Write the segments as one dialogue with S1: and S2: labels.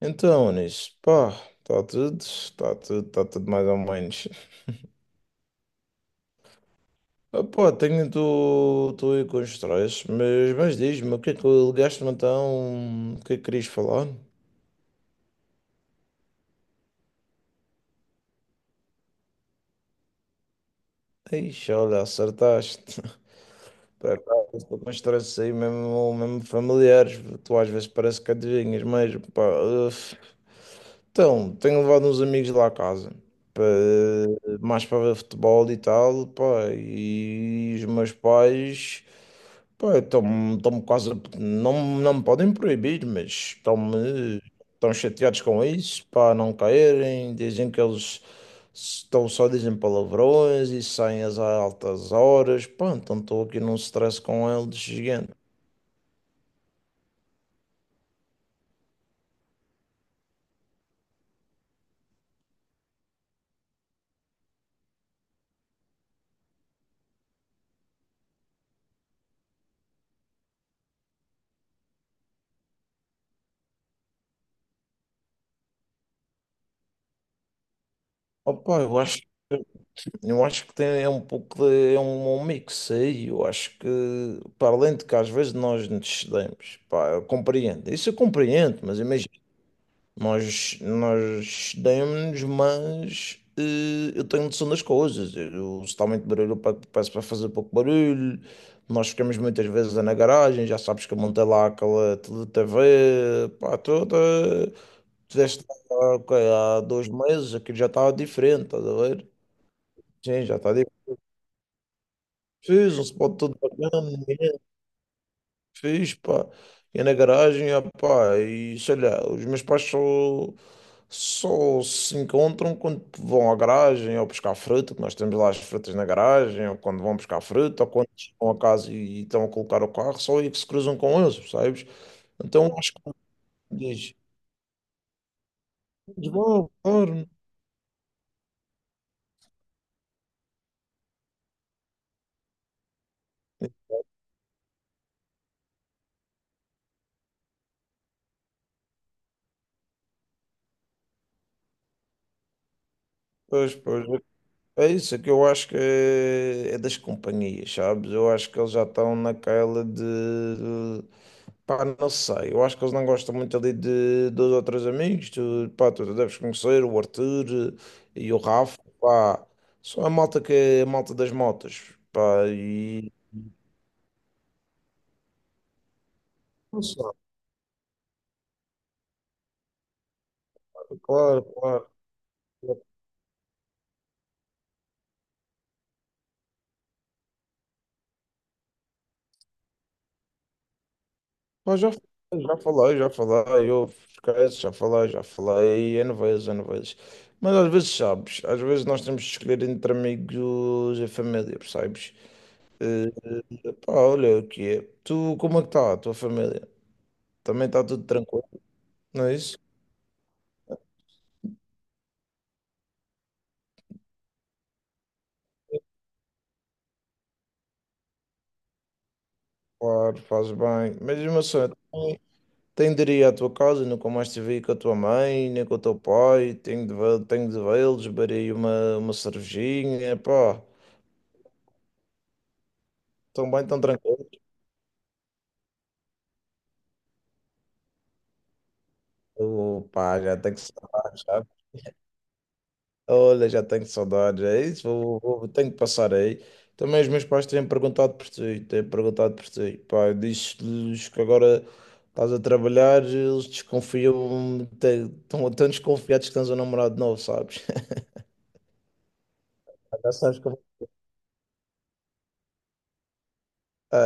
S1: Então, Anis, pá, está tudo mais ou menos. Ah, pá, estou aí com estresse, mas diz-me, o que é que ligaste-me então? O que é que querias falar? Ixi, olha, acertaste. Por acaso, estou com estresse aí, mesmo, mesmo familiares, tu às vezes parece que adivinhas mesmo, pá. Uf. Então, tenho levado uns amigos lá a casa. Pá, mais para ver futebol e tal, pá, e os meus pais. Pô, estão-me quase. Não, não me podem proibir, mas estão-me. Estão chateados com isso, para não caírem. Dizem que eles estão só dizem palavrões e saem às altas horas. Pá, então estou aqui num stress com eles gigante. Opa, eu acho que tem, é um pouco de, é um mix aí. Eu acho que, para além de que às vezes nós nos cedemos, pá, eu compreendo. Isso eu compreendo, mas imagina. Nós demos, mas eu tenho noção das coisas. Eu, se está muito barulho, eu peço para fazer pouco barulho. Nós ficamos muitas vezes na garagem, já sabes que eu montei lá aquela TV, pá, toda. Tiveste lá, ok, há 2 meses, aquilo já estava diferente, estás a ver? Sim, já está diferente. Fiz um spot todo bacana. Fiz, pá. Ia na garagem, ah, pá, e sei lá, os meus pais só se encontram quando vão à garagem ou buscar fruta, que nós temos lá as frutas na garagem, ou quando vão buscar fruta, ou quando chegam a casa e estão a colocar o carro, só aí que se cruzam com eles, percebes? Então acho que diz, "Mas vão, claro. Pois, pois, é isso, é que eu acho que é das companhias, sabes? Eu acho que eles já estão naquela de. Pá, não sei. Eu acho que eles não gostam muito ali de dois ou três amigos. Tu, pá, tu deves conhecer o Arthur e o Rafa. Pá, só a malta que é a malta das motas. Pá, e. Não sei, claro, claro, claro. Mas já falei, já falei, eu esqueço, já falei, N vezes, N vezes. Mas às vezes sabes, às vezes nós temos de escolher entre amigos e família, percebes? Eh, pá, olha o que é. Tu, como é que está a tua família? Também está tudo tranquilo, não é isso? Claro, faz bem. Mas uma cena, também tenho de ir à tua casa, nunca mais te vi com a tua mãe, nem com o teu pai, tenho de, tenho de vê-los, beberei uma cervejinha, pá, tão bem, tão tranquilo. Opa, já tenho que saudades, sabe? Olha, já tenho saudades, é isso, tenho que passar aí. Também os meus pais têm perguntado por ti, têm perguntado por ti. Pá, diz-lhes que agora estás a trabalhar, eles desconfiam, estão tão desconfiados que tens um namorado novo, sabes? Já sabes como é.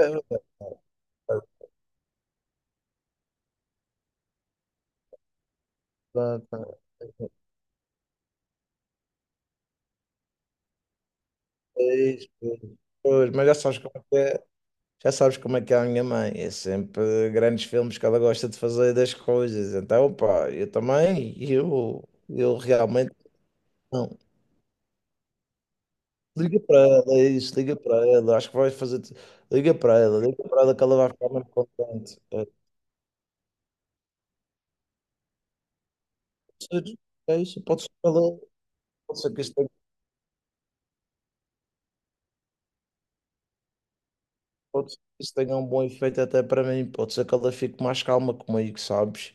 S1: É, é, é, é, é, é, é, é, é, é, é, mas já sabes como é. Já sabes como é que é a minha mãe, é sempre grandes filmes que ela gosta de fazer das coisas. Então, pá, eu também, eu realmente não. Liga para ela, é isso, liga para ela, acho que vai fazer. Liga para ela que ela vai ficar muito contente. É, pode ser, é isso, pode ser que ela, pode ser que isso tenha, pode ser que isso tenha um bom efeito até para mim, pode ser que ela fique mais calma comigo, sabes?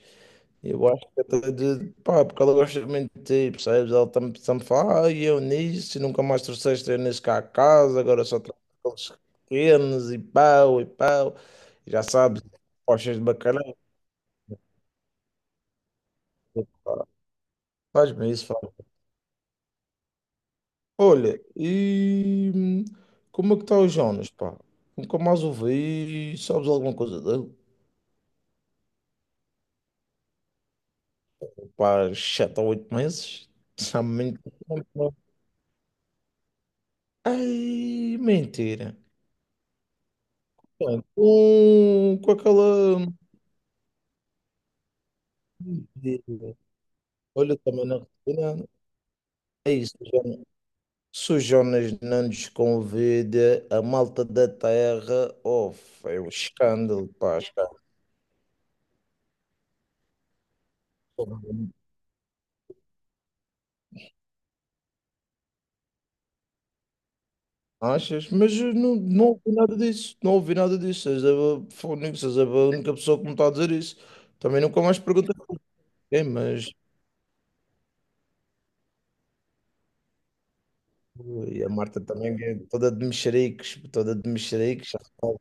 S1: Eu acho que até de, pá, porque ela gosta muito de ti, percebes? Ela sempre fala, ah, e eu nisso, e nunca mais trouxeste eu nisso cá a casa, agora só trago aqueles pequenos, e pau, e pau, e já sabes, postas de bacalhau, pá, faz-me isso, faz olha, e como é que está o Jonas, pá? Nunca mais ouvi, sabes alguma coisa dele? Pá, 7 ou 8 meses, sabe muito tempo. Ai, mentira. Bem, com aquela. Digo, olha, também na Argentina é isso. Jonas. Se não nos convida, a malta da terra, oh, é um escândalo, pá, escândalo. Achas? Mas eu não, não ouvi nada disso, não ouvi nada disso. Foi és a única pessoa que me está a dizer isso. Também nunca mais perguntei por quê, mas e a Marta também é toda de mexericos, toda de mexericos. Já sabe.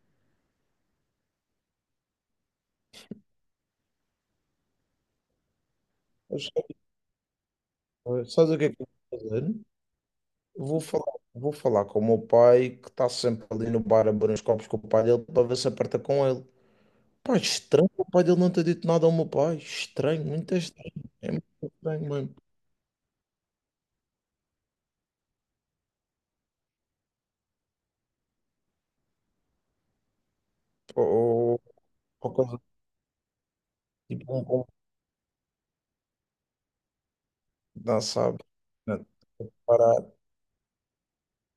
S1: Mas, Sabes o que é que eu vou fazer? Vou falar com o meu pai, que está sempre ali no bar a beber uns copos com o pai dele, para ver se aperta com ele. Pá, estranho, o pai dele não ter dito nada ao meu pai. Estranho, muito estranho. É muito estranho mesmo. Ou, ou coisa tipo, um bom, não sabe. Não, parado.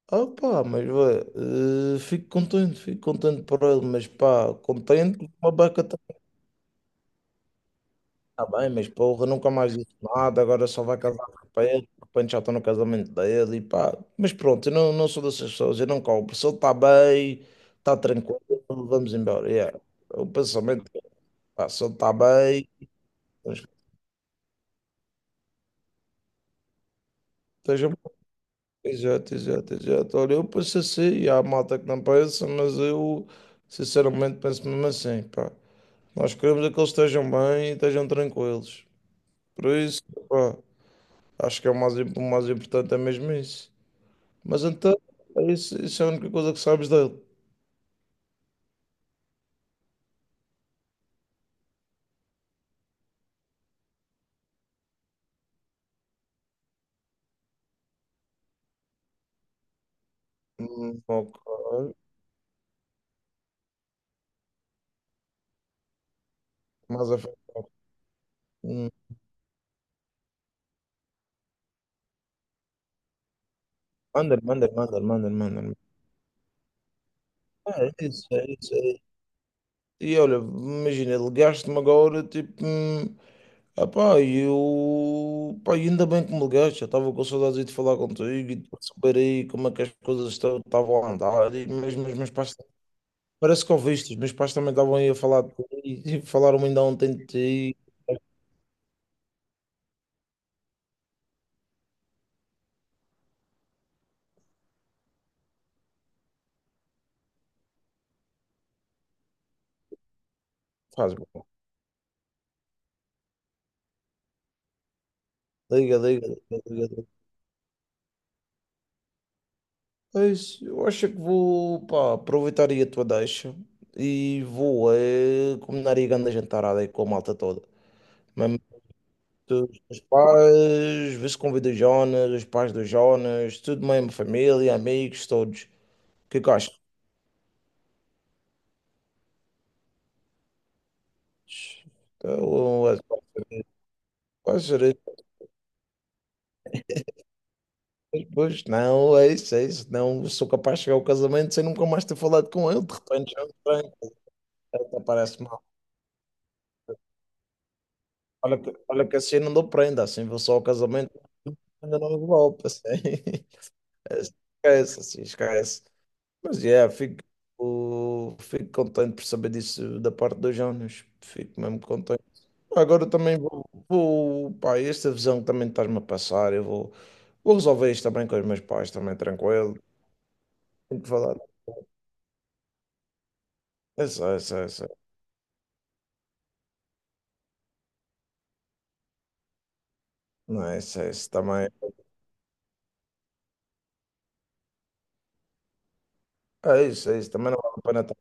S1: Ah, pá, mas vê, fico contente por ele, mas pá, contente com uma beca. Tá bem, mas porra, nunca mais disse nada, agora só vai casar de repente já estou no casamento dele e pá. Mas pronto, eu não, não sou dessas pessoas, eu não cobro. Se ele está bem, está tranquilo, vamos embora. Yeah. O pensamento, é, pá, se ele está bem, vamos- esteja bom. Exato, exato, exato. Olha, eu penso assim, e há malta que não pensa, mas eu sinceramente penso mesmo assim, pá. Nós queremos é que eles estejam bem e estejam tranquilos. Por isso, pá, acho que é o mais, o mais importante é mesmo isso. Mas então, é isso, isso é a única coisa que sabes dele. Ok. Mas a frente. Ok. hum, manda-lhe, manda-lhe, manda-lhe, manda-lhe, manda-lhe. É isso, é isso, é isso. E olha, imagina, ligaste-me agora, tipo, ah pá, e eu, pá, e ainda bem que me ligaste, eu estava com saudades de falar contigo e de saber aí como é que as coisas estavam a andar, e mesmo os meus pais, parece que ouviste, os meus pais também estavam aí a falar de ti, e falaram ainda ontem de ti, faz, bom. Liga, liga, liga, liga. É isso. Eu acho que vou, pá, aproveitar aí a tua deixa e vou é, combinar aí a grande jantarada aí com a malta toda. Mesmo os teus pais, vê se convida o Jonas, os pais do Jonas, tudo mesmo, família, amigos, todos. O que é que achas? Então, é, vai ser isso. Pois, não, é isso, é isso. Não sou capaz de chegar ao casamento sem nunca mais ter falado com ele. De repente, já me prende. Até parece mal. Olha que assim não dou prenda, assim vou só ao casamento, ainda não me golpe, assim. Esquece, assim, esquece. Mas yeah, fico, fico contente por saber disso da parte do Jonas. Fico mesmo contente. Agora também vou, vou, pá, esta visão que também estás-me a passar, eu vou resolver isto também com os meus pais, também tranquilo. Tenho que falar. É só, é só, é só. Não, é isso também. É isso, é isso. Também não vale a pena estar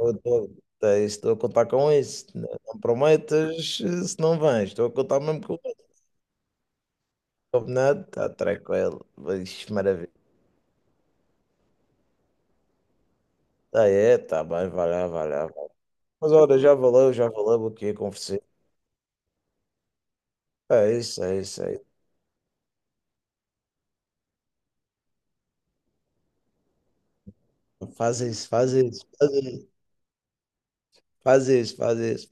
S1: eu estou é isso, estou a contar com isso. Não, não prometas se não vens. Estou a contar mesmo com isso. Combinado? Está tranquilo. Ixi, maravilha. Ah, é, tá bem, vai lá, vai lá. Mas olha, já valeu o que ia conversar. É isso, é isso, é isso. Faz isso, faz isso, faz isso, faz isso, faz isso.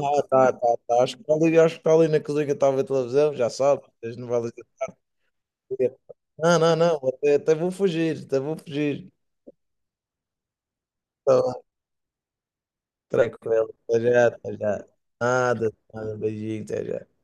S1: Tá, tá, tá, tá. Acho que está ali, acho que tá ali na cozinha, estava a ver televisão, já sabe, as novelas da TV. Não, não, não, até, até vou fugir, até vou fugir. Então, tranquilo, até já, até já. Nada, nada, beijinho, até já.